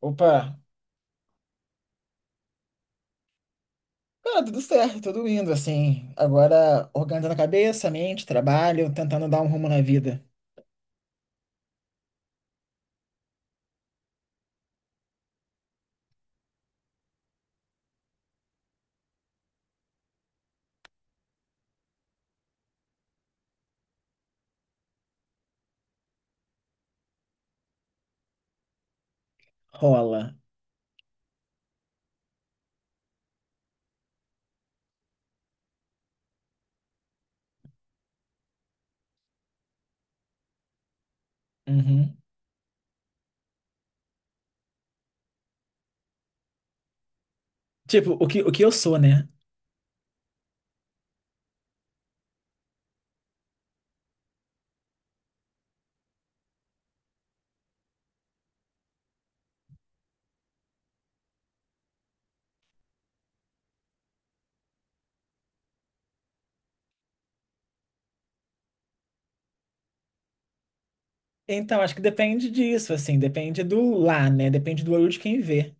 Opa! Cara, tudo certo, tudo indo, assim. Agora organizando a cabeça, a mente, trabalho, tentando dar um rumo na vida. Rola. Uhum. Tipo, o que eu sou, né? Então, acho que depende disso, assim. Depende do lá, né? Depende do olho de quem vê.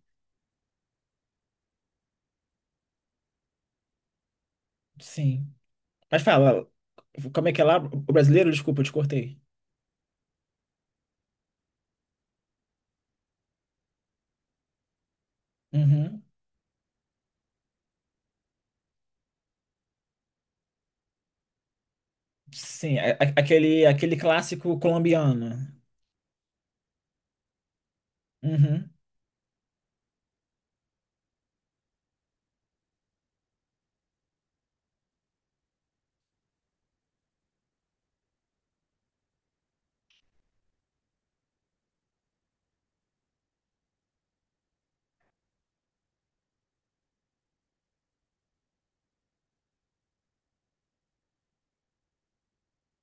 Sim. Mas fala, como é que é lá? O brasileiro? Desculpa, eu te cortei. Uhum. Sim, aquele clássico colombiano. Uhum.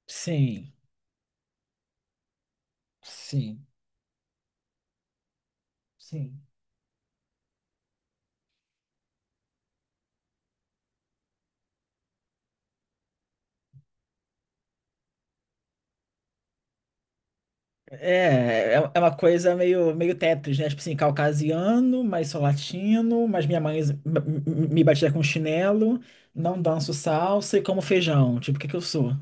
Sim. Sim. Sim. É, é uma coisa meio, meio Tetris, né? Tipo assim, caucasiano, mas sou latino, mas minha mãe me batia com chinelo, não danço salsa e como feijão. Tipo, o que que eu sou?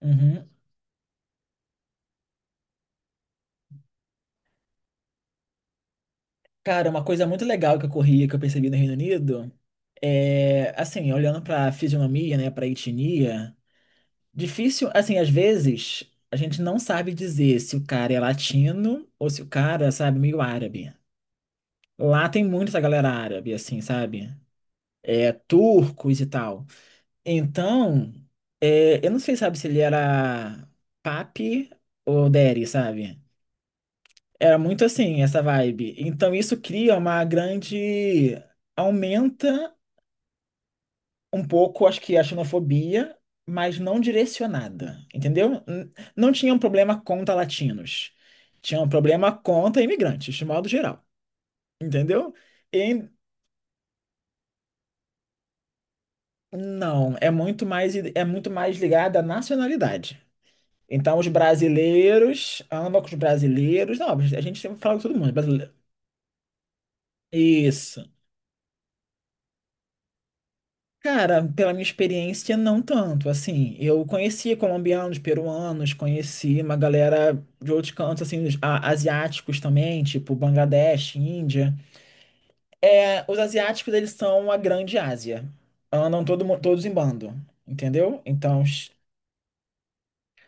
Uhum. Cara, uma coisa muito legal que eu corri, que eu percebi no Reino Unido, é, assim, olhando pra fisionomia, né, pra etnia, difícil, assim, às vezes a gente não sabe dizer se o cara é latino ou se o cara, sabe, meio árabe. Lá tem muito essa galera árabe, assim, sabe? É, turcos e tal. Então, é, eu não sei, sabe, se ele era papi ou deri, sabe? Era muito assim, essa vibe. Então, isso cria uma grande... Aumenta um pouco, acho que a xenofobia, mas não direcionada, entendeu? Não tinha um problema contra latinos. Tinha um problema contra imigrantes, de modo geral, entendeu? E não, é muito mais ligada à nacionalidade. Então, os brasileiros, ama com os brasileiros. Não, a gente sempre fala com todo mundo. É brasileiro. Isso. Cara, pela minha experiência, não tanto. Assim, eu conheci colombianos, peruanos, conheci uma galera de outros cantos, assim, os asiáticos também, tipo Bangladesh, Índia. É, os asiáticos, eles são a grande Ásia. Andam todo, todos em bando, entendeu? Então,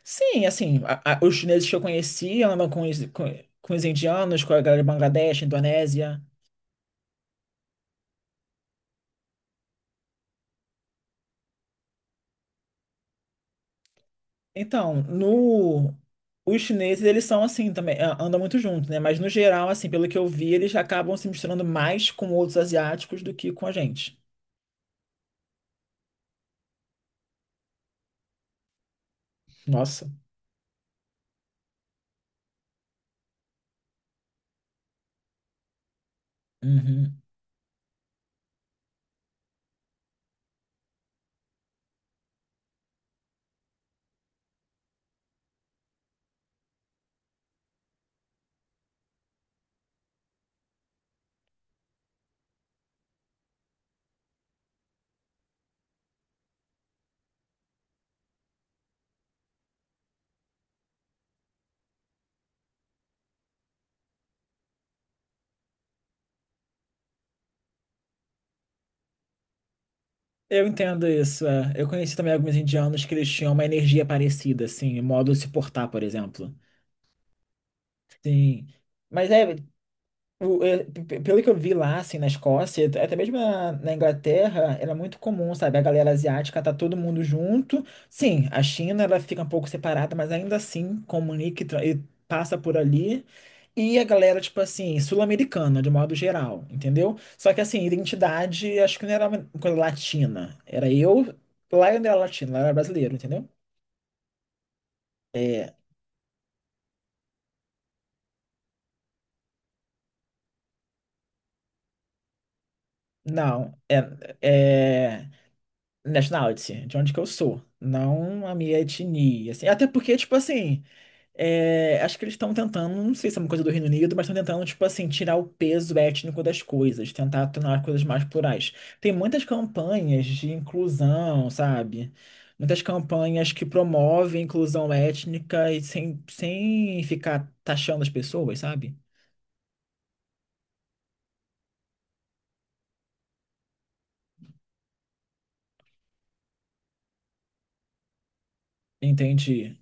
sim, assim, os chineses que eu conheci andam com os indianos, com a galera de Bangladesh, Indonésia. Então, no... Os chineses, eles são assim também, andam muito juntos, né? Mas no geral, assim, pelo que eu vi, eles acabam se misturando mais com outros asiáticos do que com a gente. Nossa. Uhum. Eu entendo isso, é. Eu conheci também alguns indianos que eles tinham uma energia parecida, assim, o modo de se portar, por exemplo. Sim. Mas é, Pelo que eu vi lá, assim, na Escócia, até mesmo na, na Inglaterra, era muito comum, sabe? A galera asiática tá todo mundo junto. Sim, a China, ela fica um pouco separada, mas ainda assim comunica e passa por ali. E a galera, tipo assim, sul-americana, de modo geral, entendeu? Só que, assim, identidade, acho que não era uma coisa latina. Era eu, lá eu não era latino, lá eu era brasileiro, entendeu? É, não, é. nationality, de onde que eu sou, não a minha etnia, assim. Até porque, tipo assim, é, acho que eles estão tentando, não sei se é uma coisa do Reino Unido, mas estão tentando, tipo assim, tirar o peso étnico das coisas, tentar tornar as coisas mais plurais. Tem muitas campanhas de inclusão, sabe? Muitas campanhas que promovem inclusão étnica e sem, sem ficar taxando as pessoas, sabe? Entendi.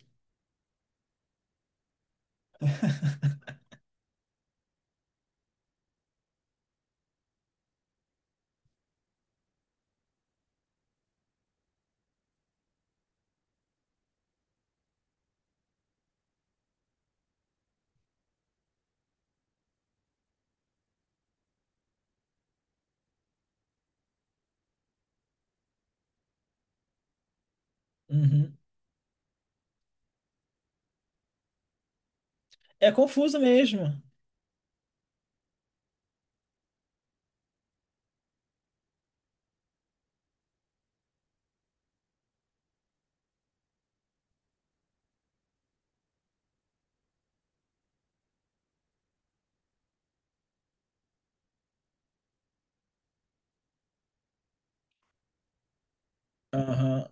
Uhum. É confuso mesmo. Aham.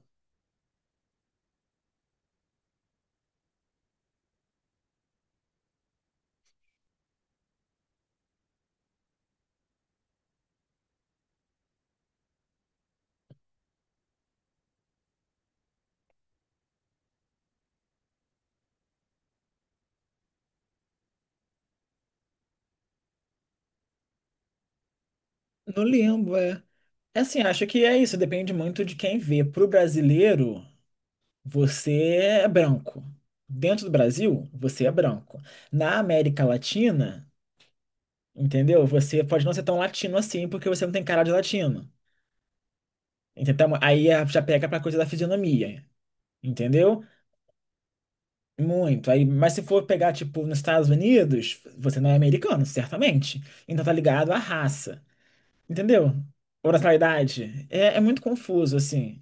No limbo, é. É assim, acho que é isso, depende muito de quem vê. Para o brasileiro, você é branco. Dentro do Brasil, você é branco. Na América Latina, entendeu? Você pode não ser tão latino assim, porque você não tem cara de latino. Entendeu? Então, aí já pega pra coisa da fisionomia, entendeu? Muito. Aí, mas se for pegar, tipo, nos Estados Unidos, você não é americano, certamente. Então tá ligado à raça, entendeu? Ou nacionalidade. É, é muito confuso, assim.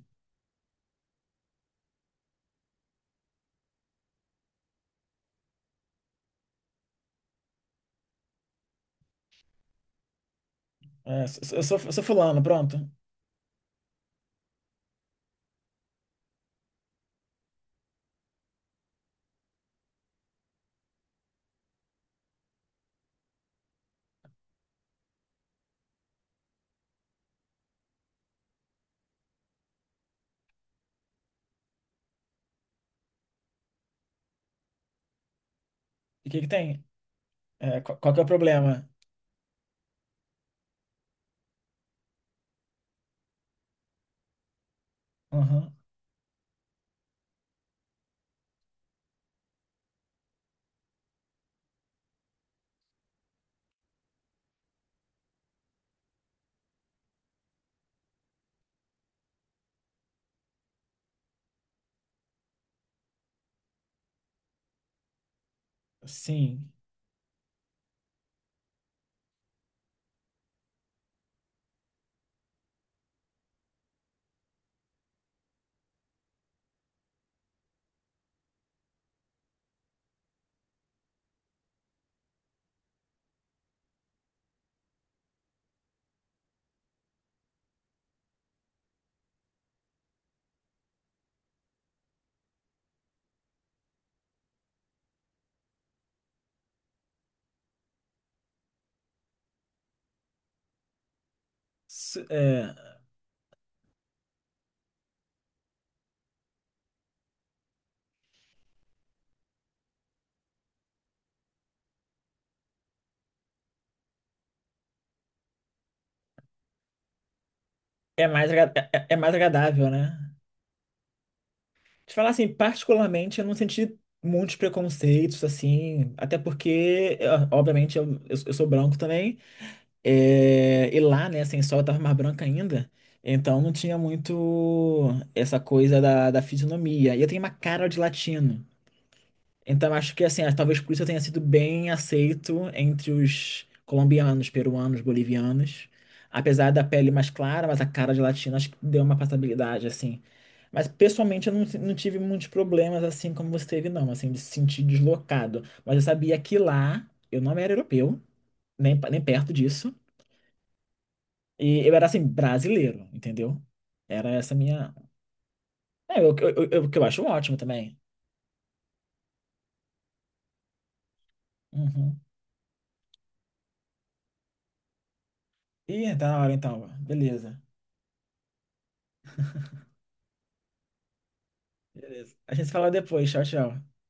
É, eu sou fulano, pronto. E o que que tem? É, qual que é o problema? Aham. Sim. S- É, é mais agradável, né? Te falar assim, particularmente, eu não senti muitos preconceitos, assim, até porque, é, obviamente, eu sou branco também, é, e lá, né, sem sol, eu tava mais branca ainda, então não tinha muito essa coisa da, da fisionomia. E eu tenho uma cara de latino. Então acho que assim, é, talvez por isso eu tenha sido bem aceito entre os colombianos, peruanos, bolivianos. Apesar da pele mais clara, mas a cara de latino acho que deu uma passabilidade, assim. Mas pessoalmente eu não, não tive muitos problemas assim como você teve, não, assim, de se sentir deslocado. Mas eu sabia que lá eu não era europeu, nem, nem perto disso. E eu era assim, brasileiro, entendeu? Era essa minha. É, o que eu acho ótimo também. Uhum. Ih, tá na hora então. Beleza. A gente se fala depois. Tchau, tchau.